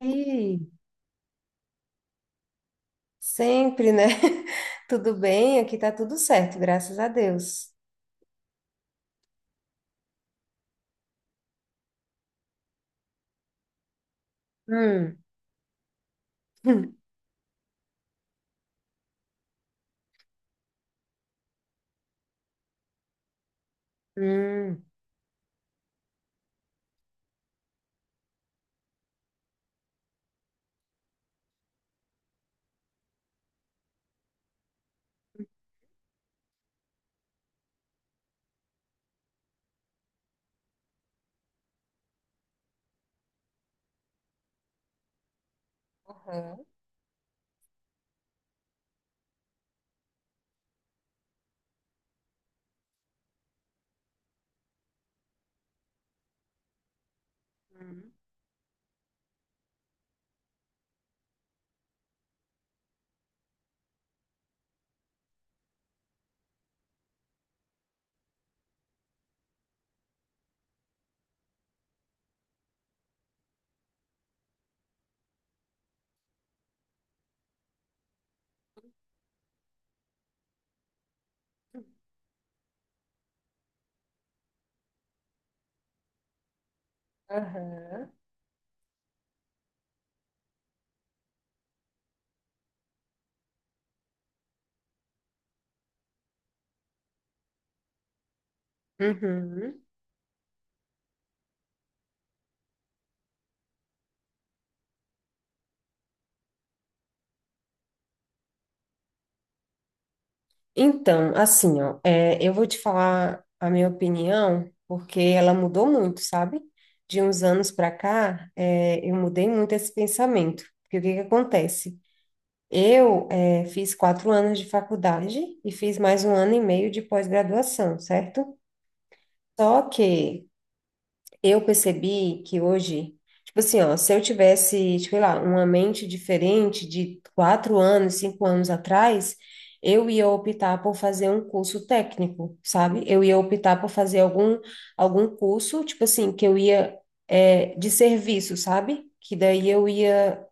E sempre, né? Tudo bem, aqui tá tudo certo, graças a Deus. Hum. Hum. Hum. Aham. Hum. Aham. Uhum. Então, assim, ó, eu vou te falar a minha opinião, porque ela mudou muito, sabe? De uns anos para cá, eu mudei muito esse pensamento. Porque o que que acontece? Eu fiz 4 anos de faculdade e fiz mais um ano e meio de pós-graduação, certo? Só que eu percebi que hoje, tipo assim, ó, se eu tivesse, sei lá, uma mente diferente de 4 anos, 5 anos atrás, eu ia optar por fazer um curso técnico, sabe? Eu ia optar por fazer algum curso, tipo assim, que eu ia, de serviço, sabe? Que daí eu ia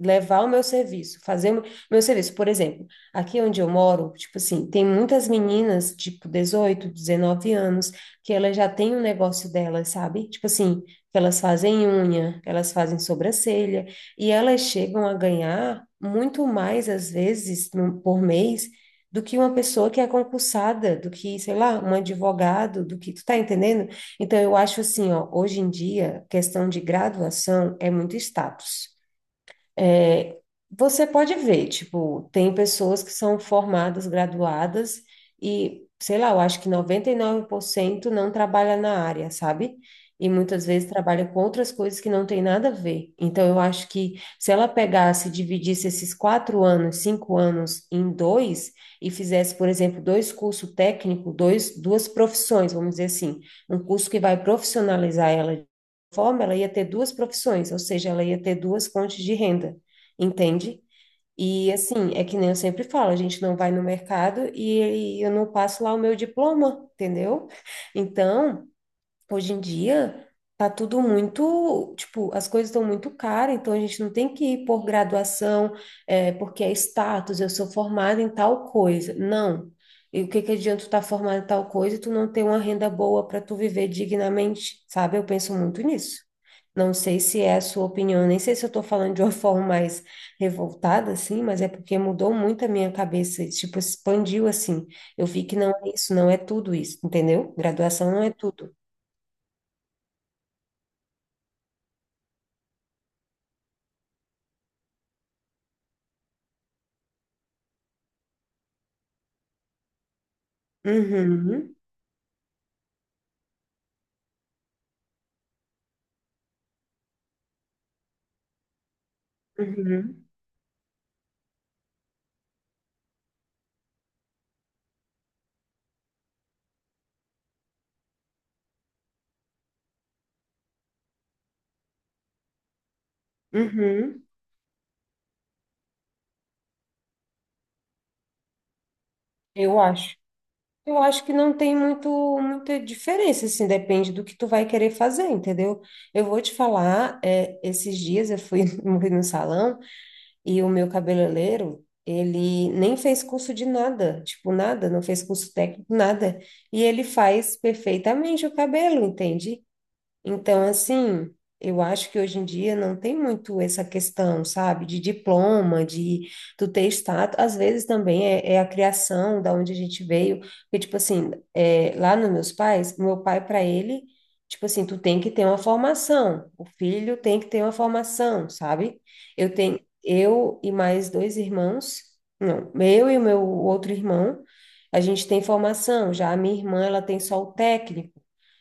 levar o meu serviço, fazer o meu serviço. Por exemplo, aqui onde eu moro, tipo assim, tem muitas meninas, tipo 18, 19 anos, que elas já têm um negócio delas, sabe? Tipo assim, que elas fazem unha, elas fazem sobrancelha, e elas chegam a ganhar muito mais, às vezes, por mês, do que uma pessoa que é concursada, do que, sei lá, um advogado, do que, tu tá entendendo? Então, eu acho assim, ó, hoje em dia, questão de graduação é muito status. É, Você pode ver, tipo, tem pessoas que são formadas, graduadas, e, sei lá, eu acho que 99% não trabalha na área, sabe? E muitas vezes trabalha com outras coisas que não tem nada a ver. Então, eu acho que se ela pegasse e dividisse esses 4 anos, 5 anos em dois, e fizesse, por exemplo, dois cursos técnicos, duas profissões, vamos dizer assim, um curso que vai profissionalizar ela forma, ela ia ter duas profissões, ou seja, ela ia ter duas fontes de renda, entende? E assim, é que nem eu sempre falo, a gente não vai no mercado e eu não passo lá o meu diploma, entendeu? Então, hoje em dia tá tudo muito, tipo, as coisas estão muito caras, então a gente não tem que ir por graduação, porque é status, eu sou formada em tal coisa. Não. E o que que adianta tu estar formada em tal coisa e tu não ter uma renda boa para tu viver dignamente, sabe? Eu penso muito nisso. Não sei se é a sua opinião, nem sei se eu estou falando de uma forma mais revoltada, assim, mas é porque mudou muito a minha cabeça, tipo, expandiu assim. Eu vi que não é isso, não é tudo isso, entendeu? Graduação não é tudo. Uhum, uhum, uhum. Eu acho. Eu acho que não tem muita diferença, assim, depende do que tu vai querer fazer, entendeu? Eu vou te falar, esses dias eu fui, fui no salão e o meu cabeleireiro, ele nem fez curso de nada, tipo, nada, não fez curso técnico, nada. E ele faz perfeitamente o cabelo, entende? Então, assim, eu acho que hoje em dia não tem muito essa questão, sabe, de diploma, de tu ter status. Às vezes também é a criação da onde a gente veio. Porque, tipo assim, lá nos meus pais, meu pai, para ele, tipo assim, tu tem que ter uma formação. O filho tem que ter uma formação, sabe? Eu tenho, eu e mais dois irmãos, não, eu e o meu outro irmão, a gente tem formação. Já a minha irmã, ela tem só o técnico.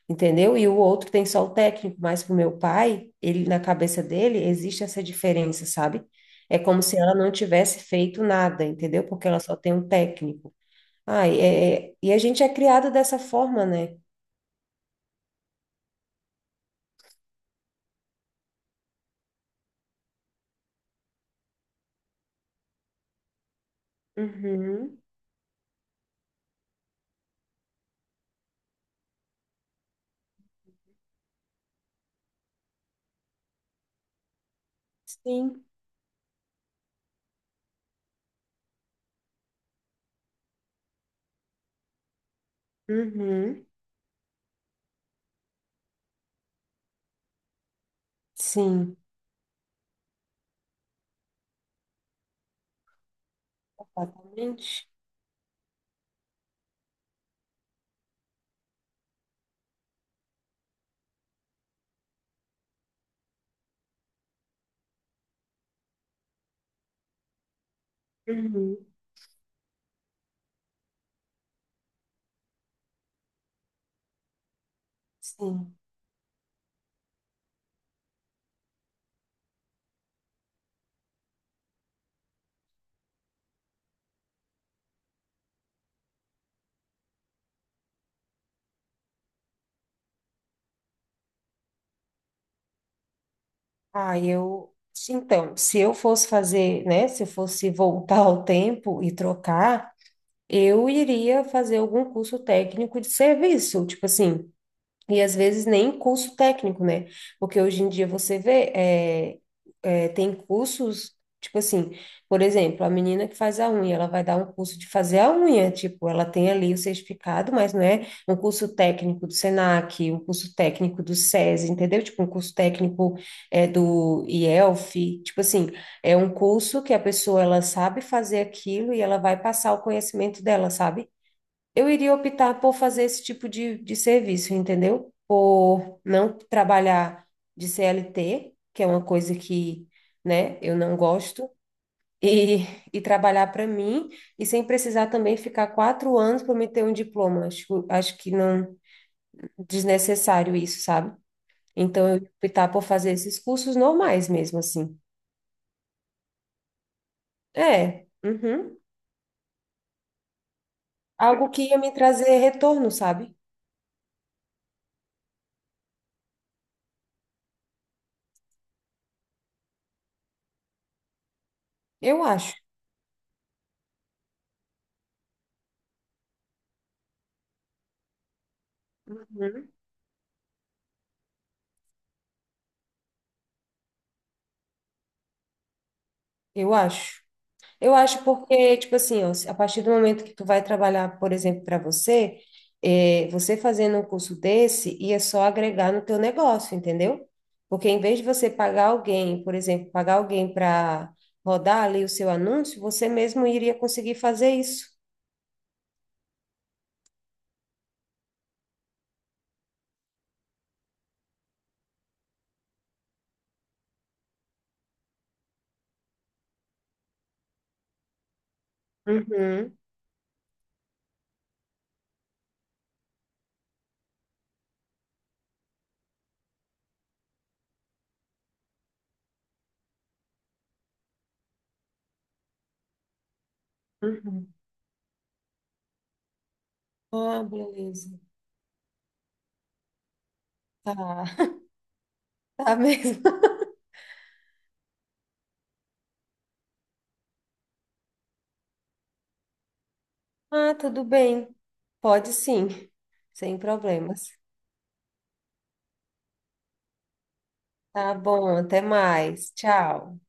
Entendeu? E o outro que tem só o técnico, mas pro meu pai, ele na cabeça dele existe essa diferença, sabe? É como se ela não tivesse feito nada, entendeu? Porque ela só tem um técnico. Ah, e a gente é criado dessa forma, né? Uhum, sim, uhum, sim, completamente. Uhum, sim. Ah, eu. Então, se eu fosse fazer, né? Se eu fosse voltar ao tempo e trocar. Eu iria fazer algum curso técnico de serviço, tipo assim, e às vezes nem curso técnico, né? Porque hoje em dia você vê, tem cursos, tipo assim, por exemplo, a menina que faz a unha, ela vai dar um curso de fazer a unha, tipo, ela tem ali o certificado, mas não é um curso técnico do Senac, um curso técnico do SESI, entendeu? Tipo, um curso técnico do IELF, tipo assim, é um curso que a pessoa, ela sabe fazer aquilo e ela vai passar o conhecimento dela, sabe? Eu iria optar por fazer esse tipo de serviço, entendeu? Por não trabalhar de CLT, que é uma coisa que, né, eu não gosto, e, e trabalhar para mim, e sem precisar também ficar 4 anos para me ter um diploma. Acho que não desnecessário isso, sabe? Então, eu ia optar por fazer esses cursos normais mesmo, assim. É, uhum. Algo que ia me trazer retorno, sabe? Eu acho. Uhum. Eu acho. Eu acho porque, tipo assim, ó, a partir do momento que tu vai trabalhar, por exemplo, para você, você fazendo um curso desse, ia só agregar no teu negócio, entendeu? Porque em vez de você pagar alguém, por exemplo, pagar alguém para rodar ali o seu anúncio, você mesmo iria conseguir fazer isso. Uhum, uhum. Ah, beleza. Tá, tá mesmo. Ah, tudo bem. Pode sim, sem problemas. Tá bom, até mais. Tchau.